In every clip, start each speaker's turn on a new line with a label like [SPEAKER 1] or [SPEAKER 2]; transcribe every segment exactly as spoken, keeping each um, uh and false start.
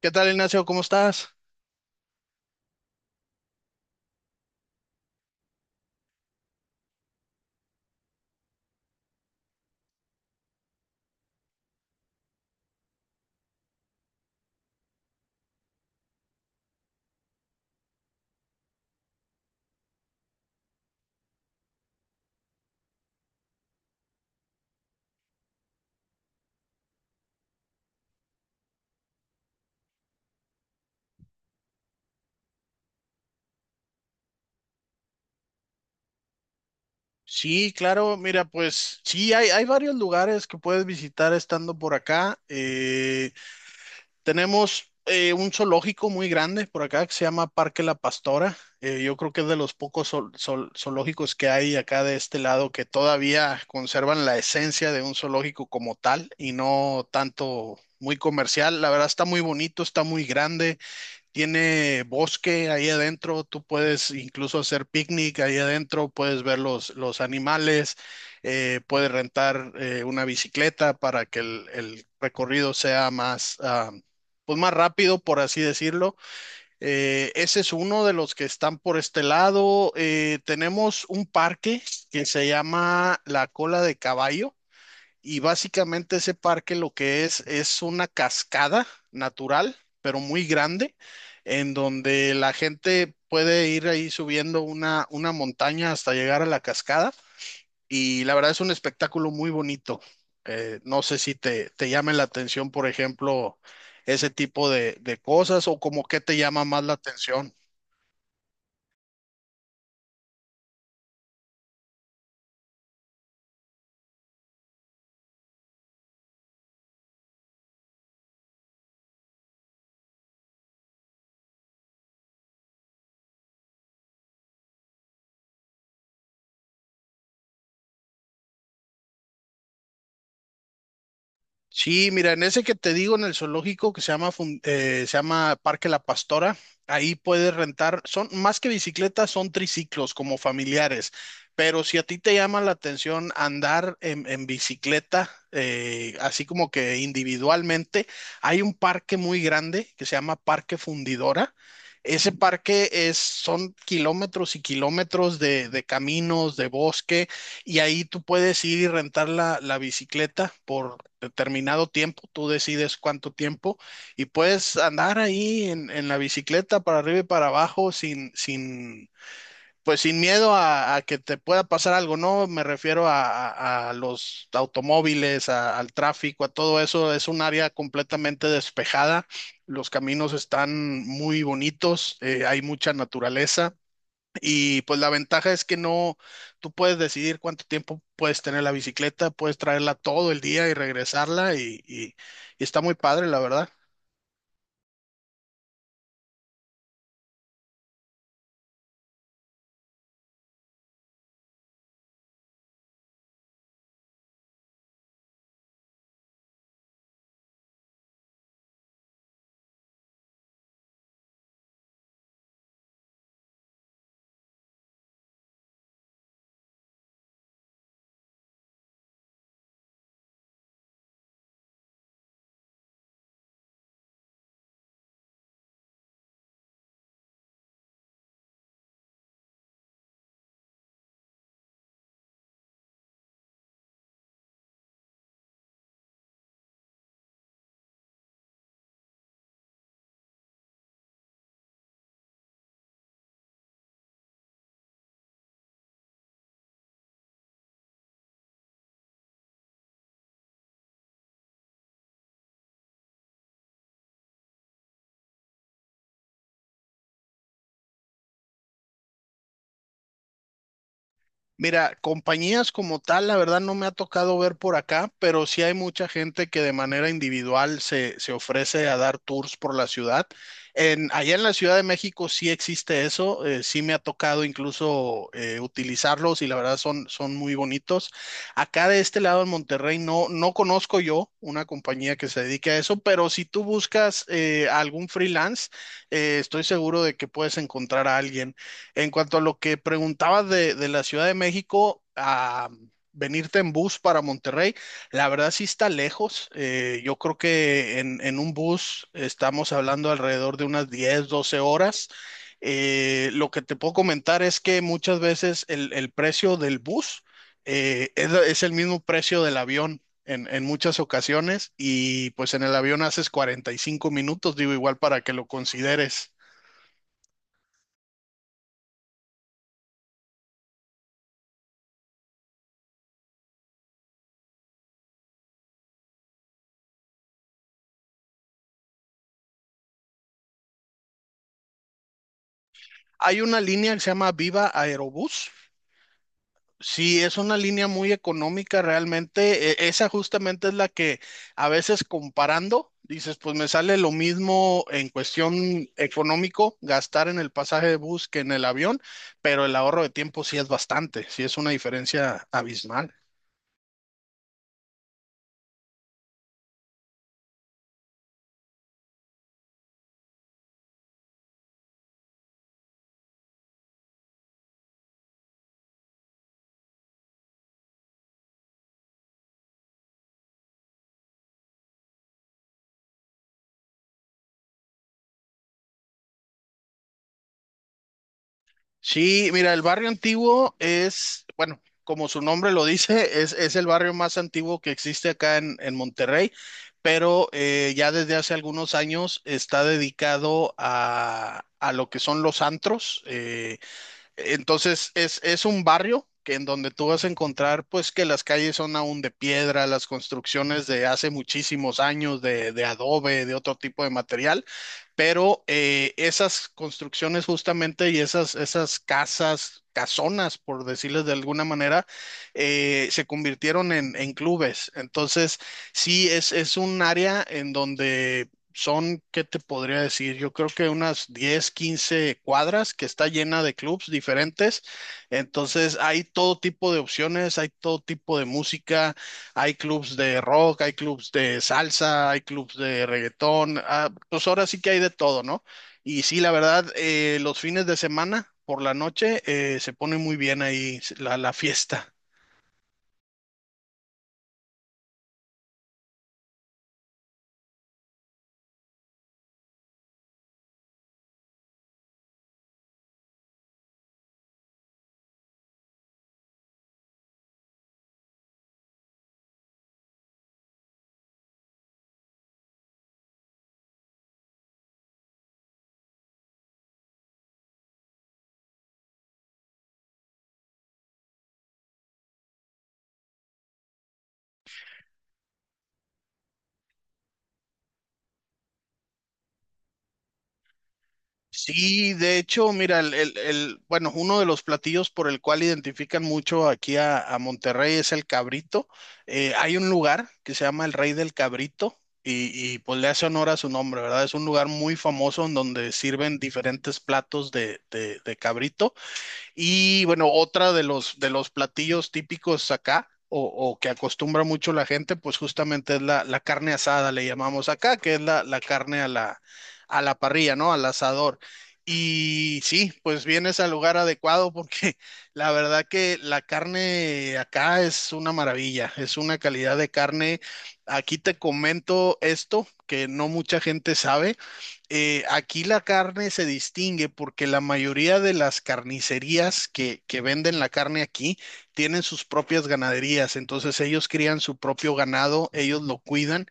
[SPEAKER 1] ¿Qué tal, Ignacio? ¿Cómo estás? Sí, claro, mira, pues sí, hay, hay varios lugares que puedes visitar estando por acá. Eh, tenemos eh, un zoológico muy grande por acá que se llama Parque La Pastora. Eh, yo creo que es de los pocos zool- zool- zoológicos que hay acá de este lado que todavía conservan la esencia de un zoológico como tal y no tanto muy comercial. La verdad está muy bonito, está muy grande. Tiene bosque ahí adentro, tú puedes incluso hacer picnic ahí adentro, puedes ver los, los animales, eh, puedes rentar eh, una bicicleta para que el, el recorrido sea más, ah, pues más rápido, por así decirlo. Eh, ese es uno de los que están por este lado. Eh, tenemos un parque que se llama La Cola de Caballo. Y básicamente ese parque lo que es es una cascada natural, pero muy grande, en donde la gente puede ir ahí subiendo una, una montaña hasta llegar a la cascada. Y la verdad es un espectáculo muy bonito. Eh, no sé si te, te llame la atención, por ejemplo, ese tipo de, de cosas o como qué te llama más la atención. Sí, mira, en ese que te digo, en el zoológico que se llama, Fun- eh, se llama Parque La Pastora, ahí puedes rentar, son más que bicicletas, son triciclos como familiares, pero si a ti te llama la atención andar en, en bicicleta, eh, así como que individualmente, hay un parque muy grande que se llama Parque Fundidora. Ese parque es, son kilómetros y kilómetros de, de caminos, de bosque y ahí tú puedes ir y rentar la, la bicicleta por determinado tiempo, tú decides cuánto tiempo y puedes andar ahí en, en la bicicleta para arriba y para abajo sin, sin, pues sin miedo a, a que te pueda pasar algo, ¿no? Me refiero a, a- a los automóviles, a- al tráfico, a todo eso. Es un área completamente despejada. Los caminos están muy bonitos, eh, hay mucha naturaleza. Y pues la ventaja es que no, tú puedes decidir cuánto tiempo puedes tener la bicicleta, puedes traerla todo el día y regresarla y, y- y está muy padre, la verdad. Mira, compañías como tal, la verdad no me ha tocado ver por acá, pero sí hay mucha gente que de manera individual se, se ofrece a dar tours por la ciudad. En, allá en la Ciudad de México sí existe eso, eh, sí me ha tocado incluso eh, utilizarlos y la verdad son, son muy bonitos. Acá de este lado en Monterrey no, no conozco yo una compañía que se dedique a eso, pero si tú buscas eh, algún freelance, eh, estoy seguro de que puedes encontrar a alguien. En cuanto a lo que preguntabas de, de la Ciudad de México, a venirte en bus para Monterrey, la verdad sí está lejos. Eh, yo creo que en, en un bus estamos hablando alrededor de unas diez doce horas. Eh, lo que te puedo comentar es que muchas veces el, el precio del bus eh, es, es el mismo precio del avión. En, en muchas ocasiones y pues en el avión haces cuarenta y cinco minutos, digo igual para que lo consideres. Hay una línea que se llama Viva Aerobús. Sí, es una línea muy económica realmente. E- Esa justamente es la que a veces comparando, dices, pues me sale lo mismo en cuestión económico gastar en el pasaje de bus que en el avión, pero el ahorro de tiempo sí es bastante, sí es una diferencia abismal. Sí, mira, el barrio antiguo es, bueno, como su nombre lo dice, es, es el barrio más antiguo que existe acá en, en Monterrey, pero eh, ya desde hace algunos años está dedicado a, a lo que son los antros. eh, entonces es, es un barrio que en donde tú vas a encontrar pues que las calles son aún de piedra, las construcciones de hace muchísimos años de, de adobe, de otro tipo de material, pero eh, esas construcciones justamente y esas, esas casas, casonas, por decirles de alguna manera, eh, se convirtieron en, en clubes. Entonces sí es, es un área en donde son, ¿qué te podría decir? Yo creo que unas diez quince cuadras que está llena de clubs diferentes. Entonces hay todo tipo de opciones, hay todo tipo de música, hay clubs de rock, hay clubs de salsa, hay clubs de reggaetón. ah, pues ahora sí que hay de todo, ¿no? Y sí, la verdad, eh, los fines de semana por la noche eh, se pone muy bien ahí la la fiesta. Sí, de hecho, mira, el, el, el- bueno, uno de los platillos por el cual identifican mucho aquí a, a Monterrey es el cabrito. Eh, hay un lugar que se llama el Rey del Cabrito y, y, pues le hace honor a su nombre, ¿verdad? Es un lugar muy famoso en donde sirven diferentes platos de, de, de cabrito. Y bueno, otra de los, de los platillos típicos acá, o, o que acostumbra mucho la gente, pues justamente es la, la carne asada, le llamamos acá, que es la, la carne a la, a la parrilla, ¿no? Al asador. Y sí, pues vienes al lugar adecuado porque la verdad que la carne acá es una maravilla, es una calidad de carne. Aquí te comento esto que no mucha gente sabe eh, aquí la carne se distingue porque la mayoría de las carnicerías que, que venden la carne aquí tienen sus propias ganaderías, entonces ellos crían su propio ganado, ellos lo cuidan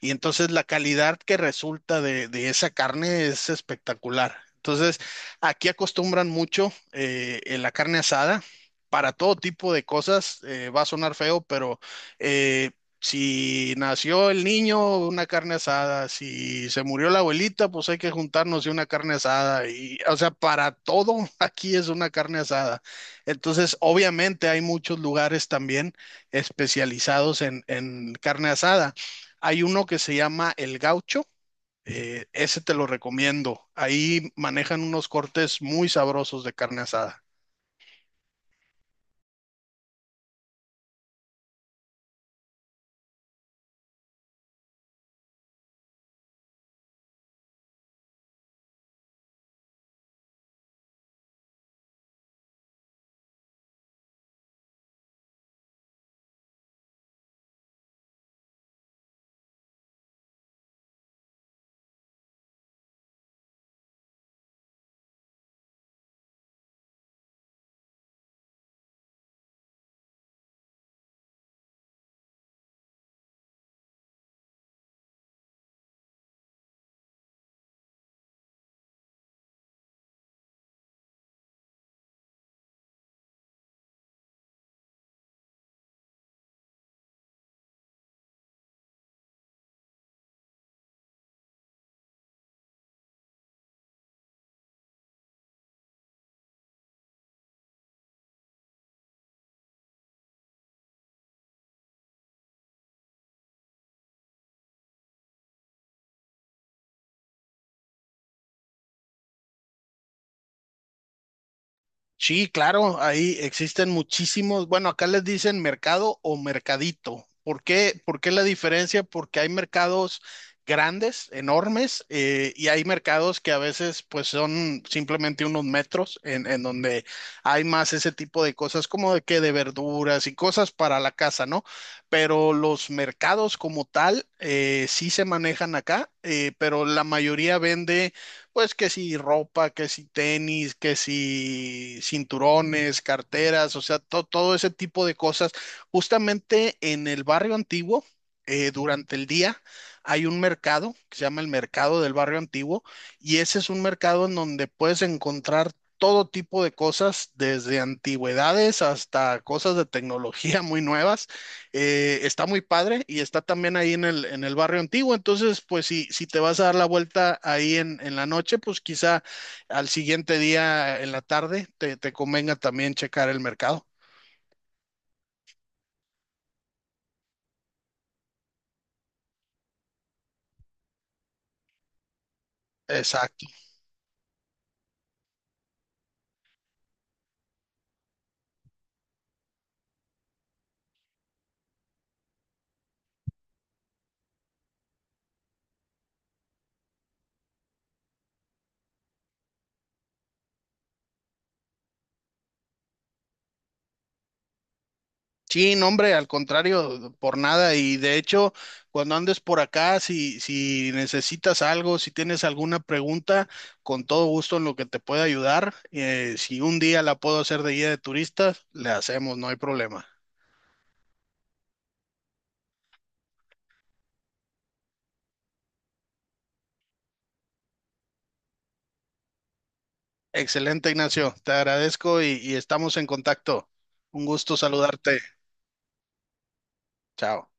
[SPEAKER 1] y entonces la calidad que resulta de, de esa carne es espectacular. Entonces aquí acostumbran mucho eh, eh, la carne asada. Para todo tipo de cosas, eh, va a sonar feo, pero eh, si nació el niño, una carne asada. Si se murió la abuelita, pues hay que juntarnos y una carne asada. Y, o sea, para todo aquí es una carne asada. Entonces, obviamente hay muchos lugares también especializados en, en carne asada. Hay uno que se llama El Gaucho. eh, ese te lo recomiendo. Ahí manejan unos cortes muy sabrosos de carne asada. Sí, claro, ahí existen muchísimos, bueno, acá les dicen mercado o mercadito. ¿Por qué? ¿Por qué la diferencia? Porque hay mercados grandes, enormes, eh, y hay mercados que a veces pues son simplemente unos metros en, en donde hay más ese tipo de cosas como de que de verduras y cosas para la casa, ¿no? Pero los mercados como tal eh, sí se manejan acá, eh, pero la mayoría vende pues que si ropa, que si tenis, que si cinturones, carteras, o sea, to- todo ese tipo de cosas. Justamente en el barrio antiguo, eh, durante el día, hay un mercado que se llama el mercado del barrio antiguo y ese es un mercado en donde puedes encontrar todo tipo de cosas, desde antigüedades hasta cosas de tecnología muy nuevas. Eh, está muy padre y está también ahí en el, en el barrio antiguo. Entonces, pues si, si te vas a dar la vuelta ahí en, en la noche, pues quizá al siguiente día en la tarde te, te convenga también checar el mercado. Exacto. Sí, no, hombre, al contrario, por nada. Y de hecho, cuando andes por acá, si, si necesitas algo, si tienes alguna pregunta, con todo gusto en lo que te pueda ayudar. Eh, si un día la puedo hacer de guía de turistas, le hacemos, no hay problema. Excelente, Ignacio. Te agradezco y, y estamos en contacto. Un gusto saludarte. Chao.